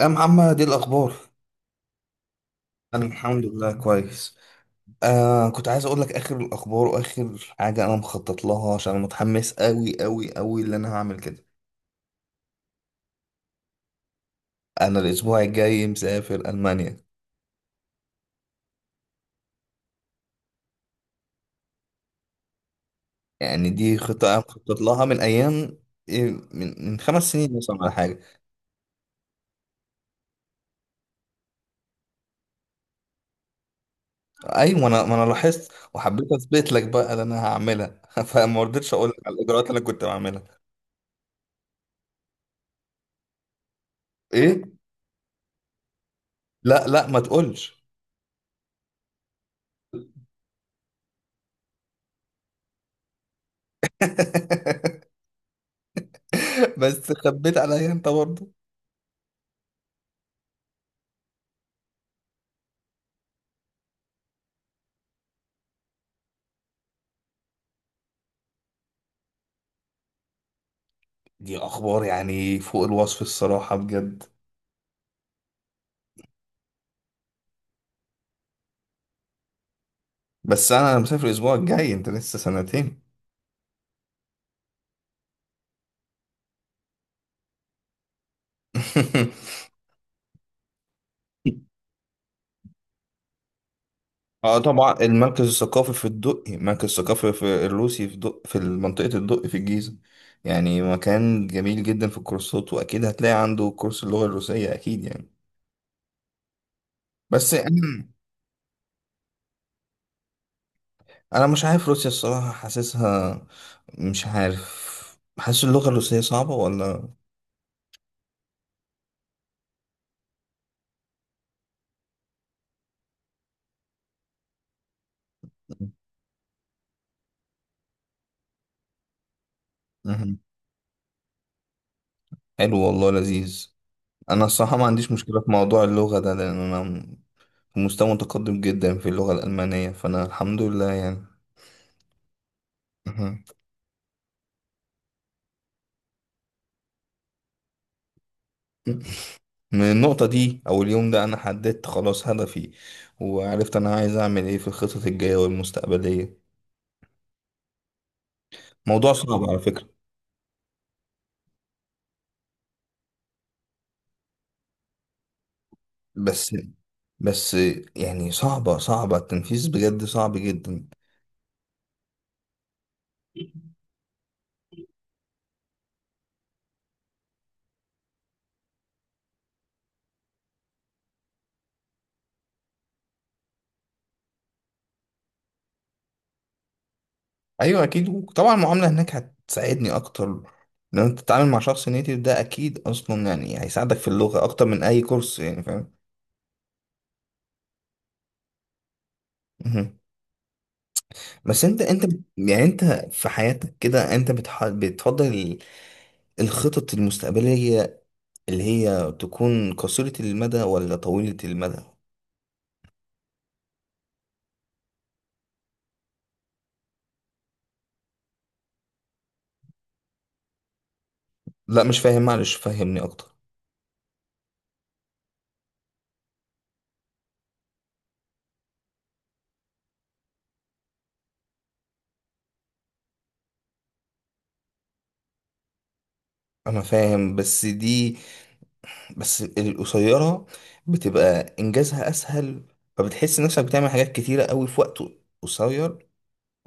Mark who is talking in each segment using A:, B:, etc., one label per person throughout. A: يا محمد، ايه الاخبار؟ انا الحمد لله كويس. كنت عايز اقول لك اخر الاخبار واخر حاجه انا مخطط لها، عشان أنا متحمس قوي قوي قوي اللي انا هعمل كده. انا الاسبوع الجاي مسافر المانيا. يعني دي خطه انا مخطط لها من ايام. إيه، من 5 سنين مثلا ولا حاجه. ايوه، ما انا لاحظت وحبيت اثبت لك بقى اللي انا هعملها فما رضيتش اقول لك على الاجراءات اللي انا كنت بعملها. ايه. لا لا ما تقولش. بس خبيت عليا انت برضه. دي اخبار يعني فوق الوصف الصراحه بجد. بس انا مسافر الاسبوع الجاي، انت لسه سنتين. اه طبعا، المركز الثقافي في الدقي، المركز الثقافي في الروسي في دق في منطقه الدقي في الجيزه. يعني مكان جميل جدا في الكورسات، واكيد هتلاقي عنده كورس اللغه الروسيه اكيد يعني. بس أنا مش عارف روسيا الصراحه، حاسسها مش عارف، حاسس اللغه الروسيه صعبه ولا. مهم. حلو والله لذيذ. انا الصراحه ما عنديش مشكله في موضوع اللغه ده، لان انا في مستوى متقدم جدا في اللغه الالمانيه، فانا الحمد لله يعني. أها. من النقطه دي او اليوم ده انا حددت خلاص هدفي، وعرفت انا عايز اعمل ايه في الخطط الجايه والمستقبليه. موضوع صعب على فكره. بس بس يعني صعبه صعبه التنفيذ بجد، صعب جدا. ايوه اكيد، وطبعا المعامله هناك هتساعدني اكتر. لما انت تتعامل مع شخص نيتيف ده اكيد اصلا يعني هيساعدك في اللغه اكتر من اي كورس يعني فاهم. مهم. بس انت يعني انت في حياتك كده انت بتفضل الخطط المستقبلية اللي هي تكون قصيرة المدى ولا طويلة المدى. لا مش فاهم معلش فهمني اكتر. انا فاهم بس دي، بس القصيرة بتبقى انجازها اسهل، فبتحس نفسك بتعمل حاجات كتيرة قوي في وقت قصير،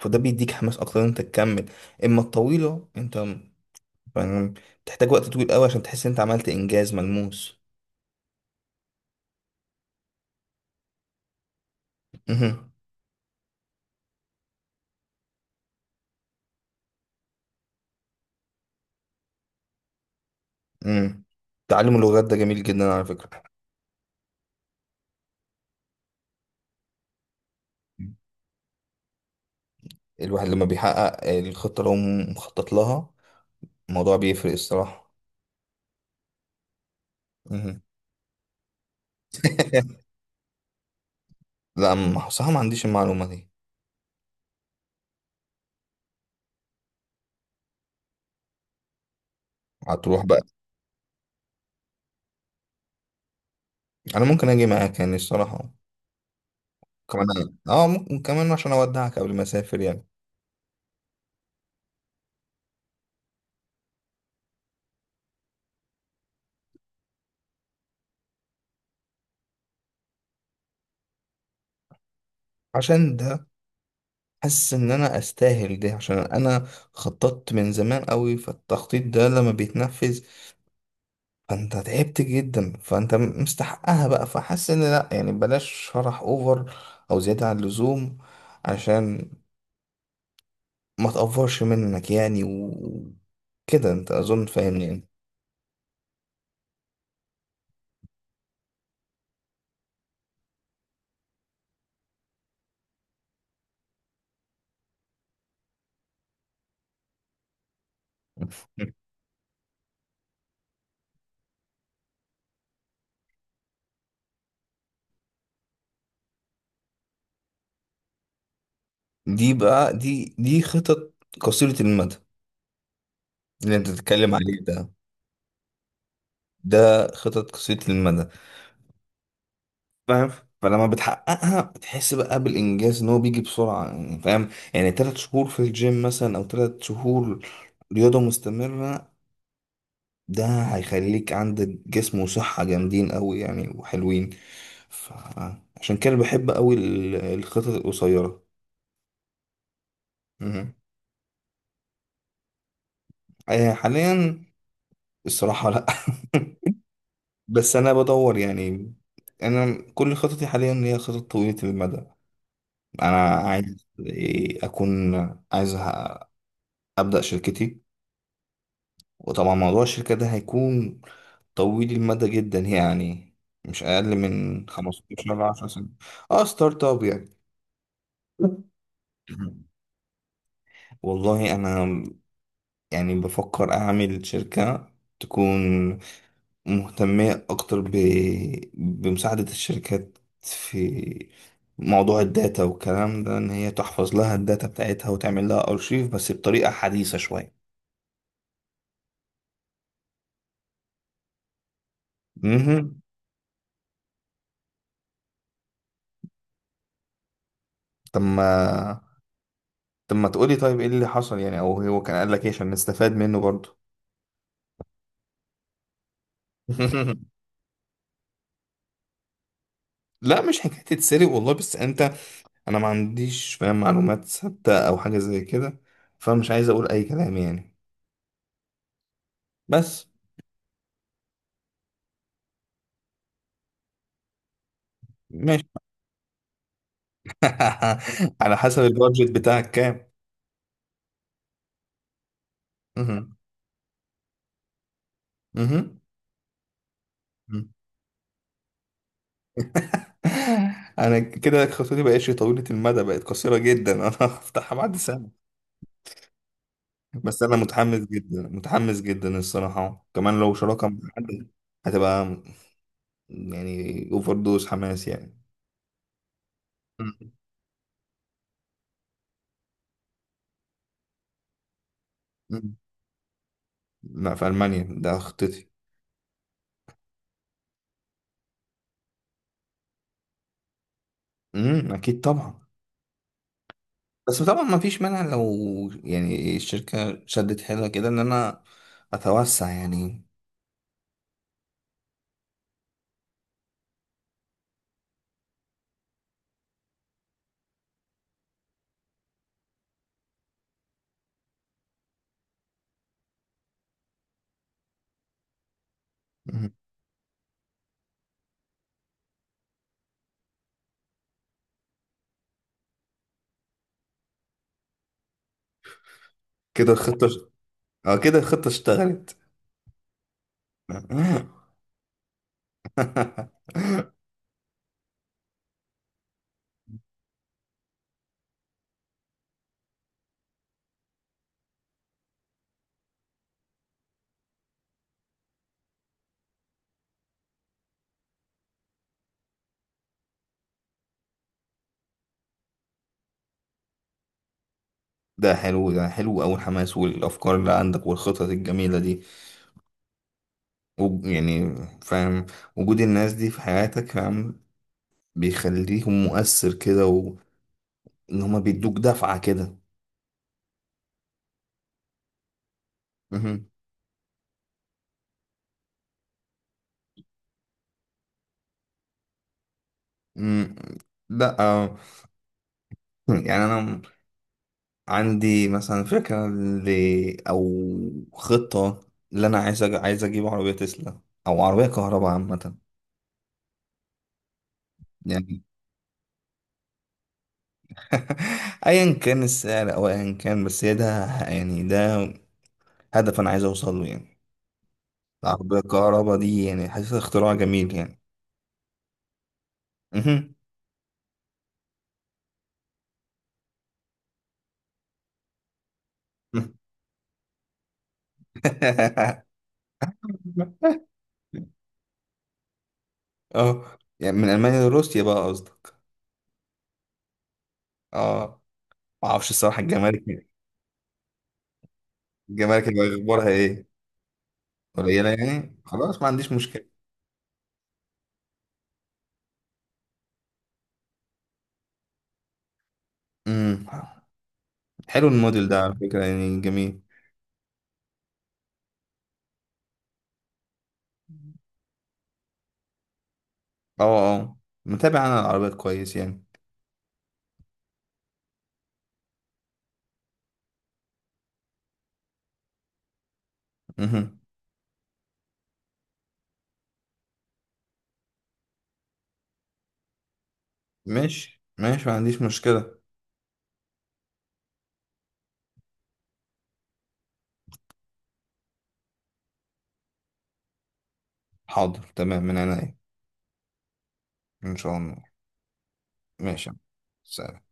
A: فده بيديك حماس اكتر ان انت تكمل. اما الطويلة انت فاهم، بتحتاج وقت طويل قوي عشان تحس ان انت عملت انجاز ملموس. مهم. امم. تعلم اللغات ده جميل جدا على فكرة. مم. الواحد لما بيحقق الخطة اللي هو مخطط لها، الموضوع بيفرق الصراحة. مم. لا صراحة ما عنديش المعلومة دي. هتروح بقى؟ أنا ممكن أجي معاك يعني الصراحة كمان، أه ممكن كمان عشان أودعك قبل ما أسافر يعني. عشان ده حاسس إن أنا أستاهل ده، عشان أنا خططت من زمان قوي، فالتخطيط ده لما بيتنفذ، فانت تعبت جدا، فانت مستحقها بقى، فحاسس ان لا يعني بلاش شرح اوفر او زيادة عن اللزوم، عشان ما تقفرش منك يعني وكده، انت اظن فاهمني يعني. دي بقى دي خطط قصيرة المدى اللي انت بتتكلم عليه ده، ده خطط قصيرة المدى فاهم. فلما بتحققها بتحس بقى بالانجاز ان هو بيجي بسرعة، يعني فاهم يعني، 3 شهور في الجيم مثلا او 3 شهور رياضة مستمرة، ده هيخليك عندك جسم وصحة جامدين قوي يعني وحلوين. فعشان كده بحب قوي الخطط القصيرة. مهم. حاليا الصراحة لا. بس انا بدور يعني، انا كل خططي حاليا هي خطط طويلة المدى. انا عايز اكون عايز ابدأ شركتي، وطبعا موضوع الشركة ده هيكون طويل المدى جدا يعني، مش اقل من 15 ل 10 سنة. اه ستارت اب يعني. والله انا يعني بفكر اعمل شركة تكون مهتمة اكتر بمساعدة الشركات في موضوع الداتا والكلام ده، ان هي تحفظ لها الداتا بتاعتها وتعمل لها ارشيف بس بطريقة حديثة شوية. امم. طب ما طب ما تقولي طيب ايه اللي حصل يعني، او هو كان قال لك ايه عشان نستفاد منه برضه. لا مش حكاية تتسرق والله، بس انت، انا ما عنديش فاهم معلومات ثابته او حاجه زي كده، فمش عايز اقول اي كلام يعني. بس ماشي. على حسب البادجت بتاعك كام؟ مهم. مهم. مهم. انا كده خطتي بقتش طويله المدى، بقت قصيره جدا. انا هفتحها بعد سنه. بس انا متحمس جدا متحمس جدا الصراحه، كمان لو شراكه مع حد هتبقى يعني اوفر دوز حماس يعني. مم. مم. لا في المانيا ده خطتي. مم. اكيد طبعا. بس طبعا ما فيش مانع لو يعني الشركة شدت حيلها كده ان انا اتوسع يعني. مم. كده الخطة. اه كده الخطة اشتغلت. ده حلو، ده حلو أوي الحماس والأفكار اللي عندك والخطط الجميلة دي، يعني فاهم، وجود الناس دي في حياتك فاهم بيخليهم مؤثر كده، وإن هما بيدوك دفعة كده. مهم. مم. لا يعني أنا عندي مثلا فكرة أو خطة اللي أنا عايز عايز أجيب عربية تسلا، أو عربية كهرباء عامة يعني. أيا كان السعر أو أيا كان، بس هي ده يعني ده هدف أنا عايز أوصل له يعني. العربية الكهرباء دي يعني حاسس اختراع جميل يعني. مهم. اه يعني من ألمانيا لروسيا بقى قصدك. اه معرفش الصراحة الجمارك، الجمارك هيبقى أخبارها إيه؟ قليلة يعني خلاص ما عنديش مشكلة. امم. حلو الموديل ده على فكرة يعني جميل. اه اه، متابع انا العربيات كويس يعني. مهم. ماشي ماشي ما عنديش مشكلة. حاضر تمام من عينيا. ان شاء الله. ماشي. سلام.